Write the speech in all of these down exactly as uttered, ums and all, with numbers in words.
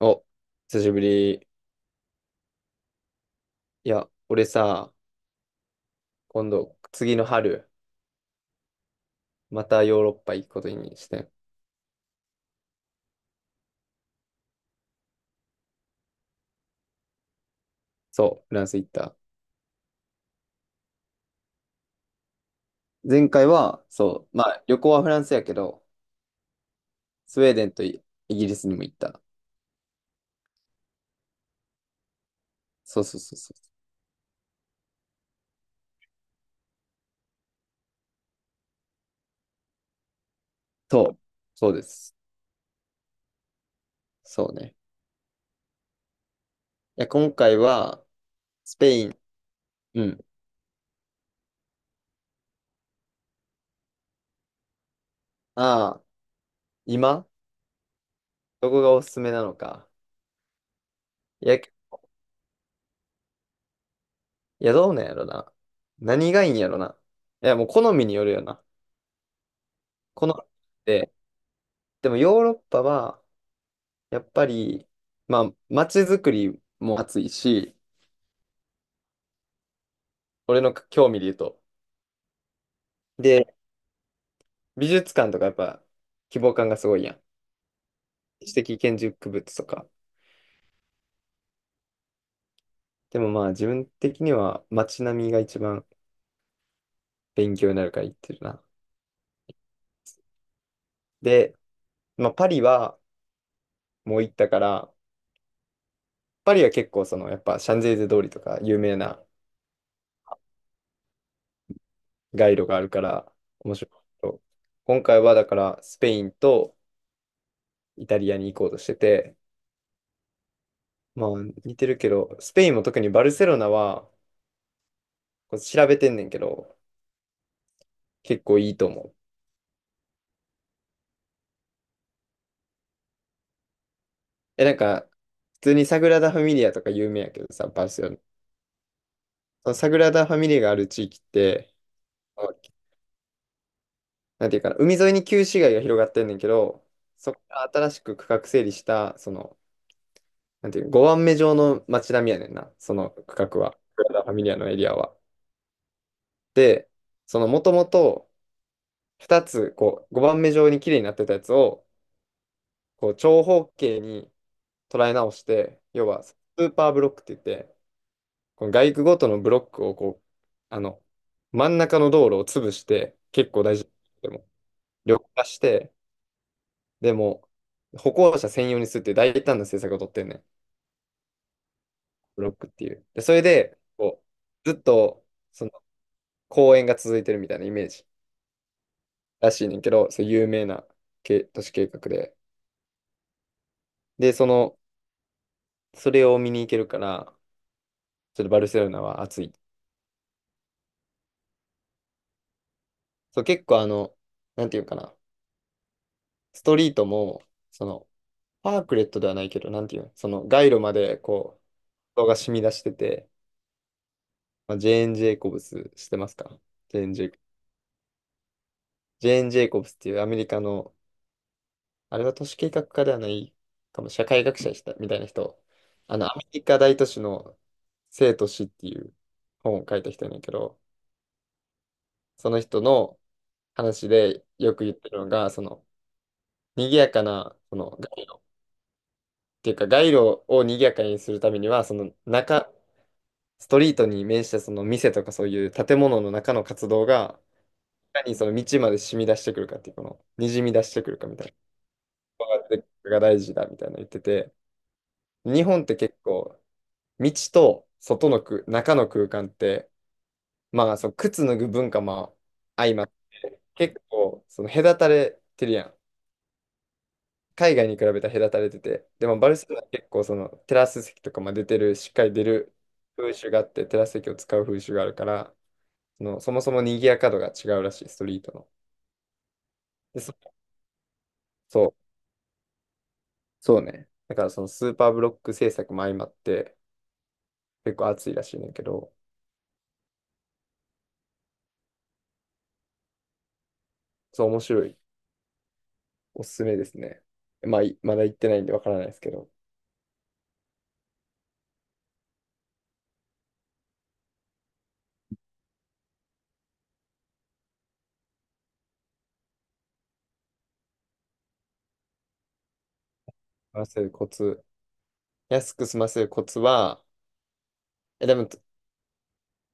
お、久しぶり。いや、俺さ、今度、次の春、またヨーロッパ行くことにしてん。そう、フランス行った。前回は、そう、まあ、旅行はフランスやけど、スウェーデンとイイギリスにも行った。そうそうそうそう。そう、そうです。そうね。いや、今回は、スペイン。うん。ああ、今どこがおすすめなのか。いや、いや、どうなんやろな。何がいいんやろな。いや、もう好みによるよな。好みで、でもヨーロッパは、やっぱり、まあ、街づくりも熱いし、俺の興味で言うと。で、美術館とかやっぱ希望感がすごいやん。知的建築物とか。でもまあ自分的には街並みが一番勉強になるから行ってるな。で、まあパリはもう行ったから、パリは結構そのやっぱシャンゼリゼ通りとか有名な街路があるから面白いけど。今回はだからスペインとイタリアに行こうとしてて、まあ似てるけど、スペインも特にバルセロナはこう調べてんねんけど、結構いいと思う。え、なんか、普通にサグラダ・ファミリアとか有名やけどさ、バルセロナ。そのサグラダ・ファミリアがある地域って、あなんていうかな、海沿いに旧市街が広がってんねんけど、そこから新しく区画整理した、その、なんていう、ごばんめ状の街並みやねんな、その区画は。サグラダ・ファミリアのエリアは。で、そのもともとふたつ、こう、ごばんめ状に綺麗になってたやつを、こう、長方形に、捉え直して、要はスーパーブロックって言って、この街区ごとのブロックをこう、あの、真ん中の道路を潰して、結構大事でも、緑化して、でも、歩行者専用にするっていう大胆な政策を取ってんねん。ブロックっていう。で、それで、こう、ずっと、その、公園が続いてるみたいなイメージらしいねんけど、そう有名なけ都市計画で。で、その、それを見に行けるから、ちょっとバルセロナは暑い。そう、結構あの、なんていうかな。ストリートも、その、パークレットではないけど、なんていうの、その、街路まで、こう、人が染み出してて、まあ、ジェーン・ジェイコブスしてますかジェーン・ジェイコブス。ジェーン・ジェイコブスっていうアメリカの、あれは都市計画家ではないかも、社会学者でしたみたいな人、あの、アメリカ大都市の生と死っていう本を書いた人やねんけど、その人の話でよく言ってるのが、その、賑やかな、その、街路っていうか、街路を賑やかにするためには、その、中、ストリートに面したその店とかそういう建物の中の活動が、いかにその道まで染み出してくるかっていう、この、にじみ出してくるかみたいな、それが大事だみたいなの言ってて、日本って結構、道と外のく、中の空間って、まあ、その靴脱ぐ文化も相まって、結構、その隔たれてるやん。海外に比べたら隔たれてて、でもバルセロナは結構そのテラス席とかも出てる、しっかり出る風習があって、テラス席を使う風習があるから、その、そもそも賑やか度が違うらしい、ストリートの。で、そ、そう、そうね。だからそのスーパーブロック制作も相まって結構熱いらしいねんだけど、そう、面白い。おすすめですね。まあ、いまだ行ってないんでわからないですけど、済ませるコツ。安く済ませるコツは、え、でも、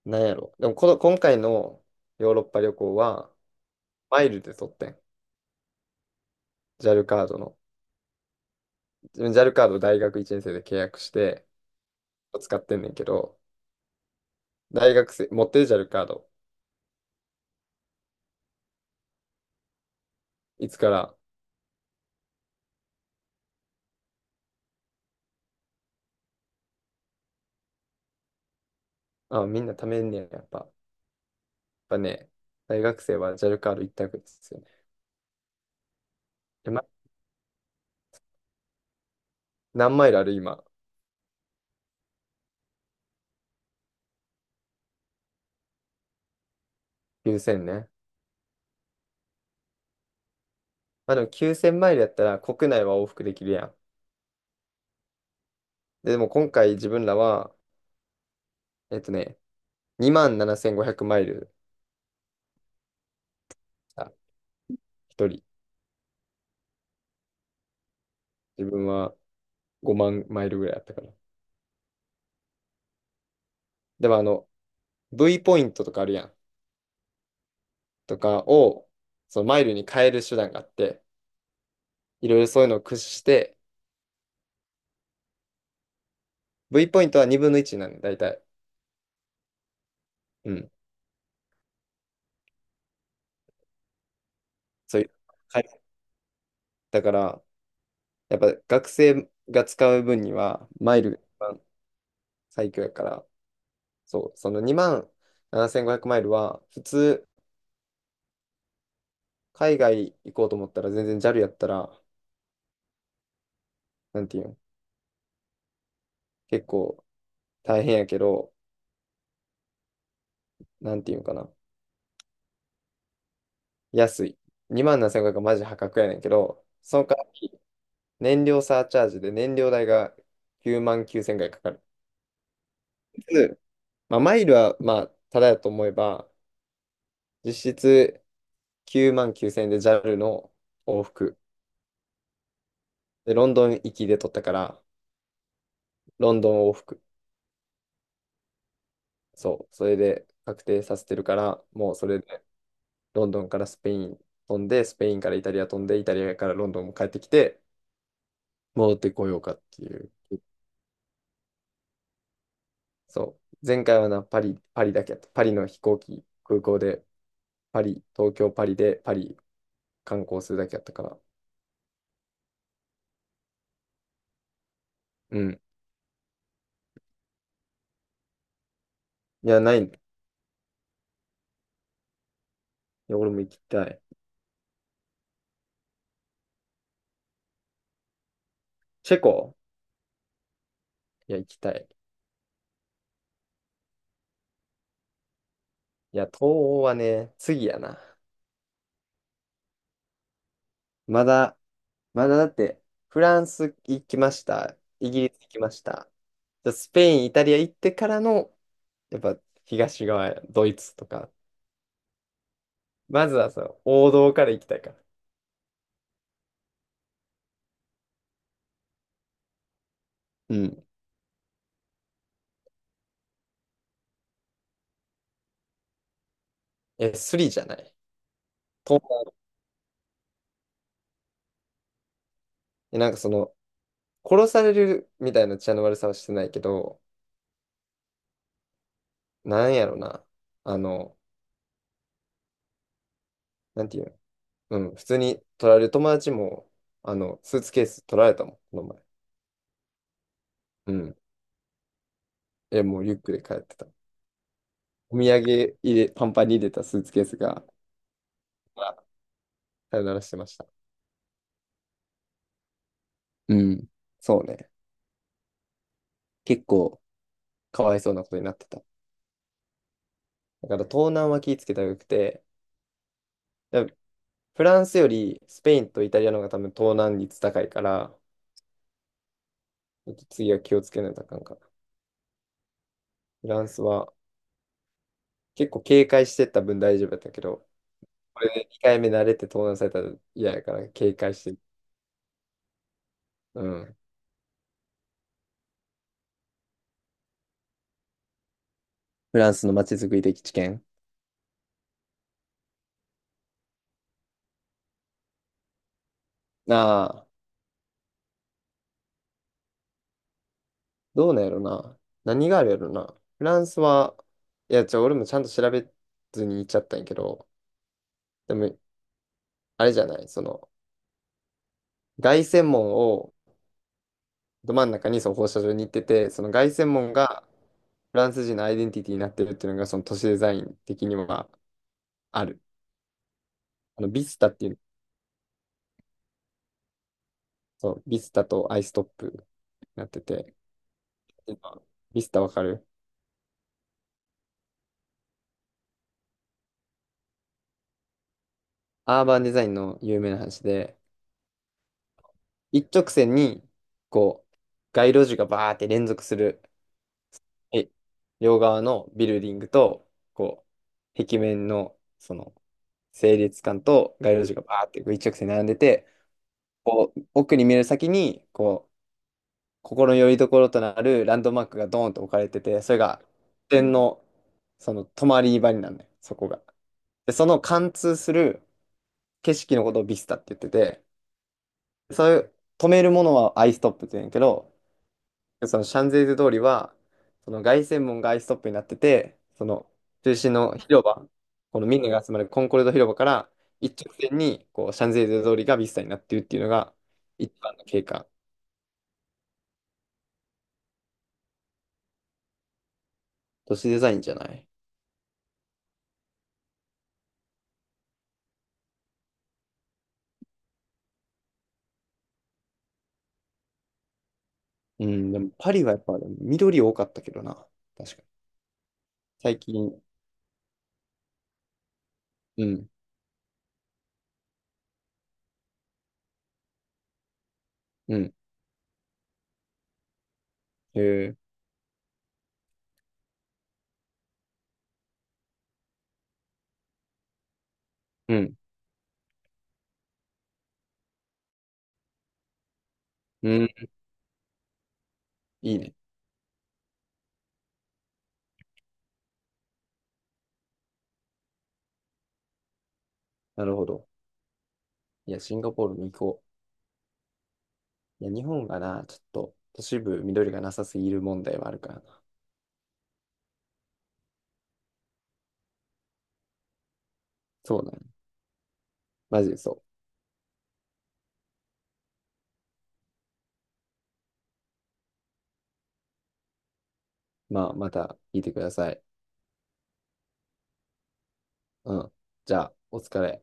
なんやろ。でもこの、今回のヨーロッパ旅行は、マイルで取ってん。ジャル カードの。ジャル カードを大学いちねん生で契約して、使ってんねんけど、大学生、持ってる ジャル カード、いつからあ、みんな貯めんねや、やっぱ。やっぱね、大学生はジャルカード一択ですよね。で、ま、何マイルある今。きゅうせんね。まあでもきゅうせんマイルやったら国内は往復できるやん。で、でも今回自分らは、えっとね、にまんななせんごひゃくマイル、あ、一人。自分はごまんマイルぐらいやったから。でもあの、V ポイントとかあるやん。とかを、そのマイルに変える手段があって、いろいろそういうのを駆使して、V ポイントはにぶんのいちなんだ、大体。うん。そういう。はいだから、やっぱ学生が使う分には、マイルが一番最強やから、そう、そのにまんななせんごひゃくマイルは、普通、海外行こうと思ったら、全然 ジャル やったら、なんていうん、結構大変やけど、なんていうんかな、安い。にまんななせんごひゃくはマジ破格やねんけど、その代わり、燃料サーチャージで燃料代がきゅうまんきゅうせんえんぐらいかかる。うんまあ、マイルは、まあ、ただやと思えば、実質きゅうまんきゅうせんえんで ジャル の往復。で、ロンドン行きで取ったから、ロンドン往復。そう、それで確定させてるから、もうそれでロンドンからスペイン飛んで、スペインからイタリア飛んで、イタリアからロンドンも帰ってきて、戻ってこようかっていう。そう、前回はな、パリ、パリだけやった。パリの飛行機、空港で、パリ、東京、パリで、パリ観光するだけやったから。うん。いや、ないね。いや、俺も行きたい。チェコいや、行きたい。いや、東欧はね、次やな。まだ、まだだって、フランス行きました。イギリス行きました。じゃあスペイン、イタリア行ってからの、やっぱ東側、ドイツとか。まずはその王道から行きたいから。うん。え、スリじゃない。東南え、なんかその、殺されるみたいな血の悪さはしてないけど、なんやろな。あの、なんていうの。うん、普通に取られる友達も、あの、スーツケース取られたもん、この前。うん。え、もうリュックで帰ってた。お土産入れ、パンパンに入れたスーツケースが、まさよならしてました。うん。そうね。結構、かわいそうなことになってた。だから東南は気ぃつけたらよくて、だからフランスよりスペインとイタリアの方が多分東南率高いから、次は気をつけないとあかんかな。フランスは結構警戒してった分大丈夫だったけど、これでにかいめ慣れて盗難されたら嫌やから警戒してる。うん。フランスの街づくり的知見。ああ、どうなんやろな。何があるやろな。フランスは、いや、ちょ、俺もちゃんと調べずに行っちゃったんやけど、でも、あれじゃない、その、凱旋門を、ど真ん中にその放射状に行ってて、その凱旋門がフランス人のアイデンティティになってるっていうのが、その都市デザイン的にはある。あの、ビスタっていう、そう、ビスタとアイストップになってて、今ビスタわかるアーバンデザインの有名な話で、一直線に、こう、街路樹がバーって連続する、え両側のビルディングと、こう、壁面の、その、整列管と街路樹がバーってこう一直線に並んでて、こう奥に見える先にこう心の拠り所となるランドマークがドーンと置かれてて、それが点のその止まり場になるのよ、そこが。で、その貫通する景色のことをビスタって言ってて、そういう止めるものはアイストップって言うんやけど、そのシャンゼリゼ通りは、その凱旋門がアイストップになってて、その中心の広場、このミんネが集まるコンコルド広場から一直線にこうシャンゼリゼ通りがビスタになっているっていうのが一番の経過。都市デザインじゃない。うん、でもパリはやっぱ緑多かったけどな。確かに。最近、うん、うん、へえ、うん、うん、いいね。なるほど。いや、シンガポールに行こう。いや、日本がな、ちょっと都市部緑がなさすぎる問題はあるからな。そうだね。マジでそう。まあ、また聞いてください。うん。じゃあ、お疲れ。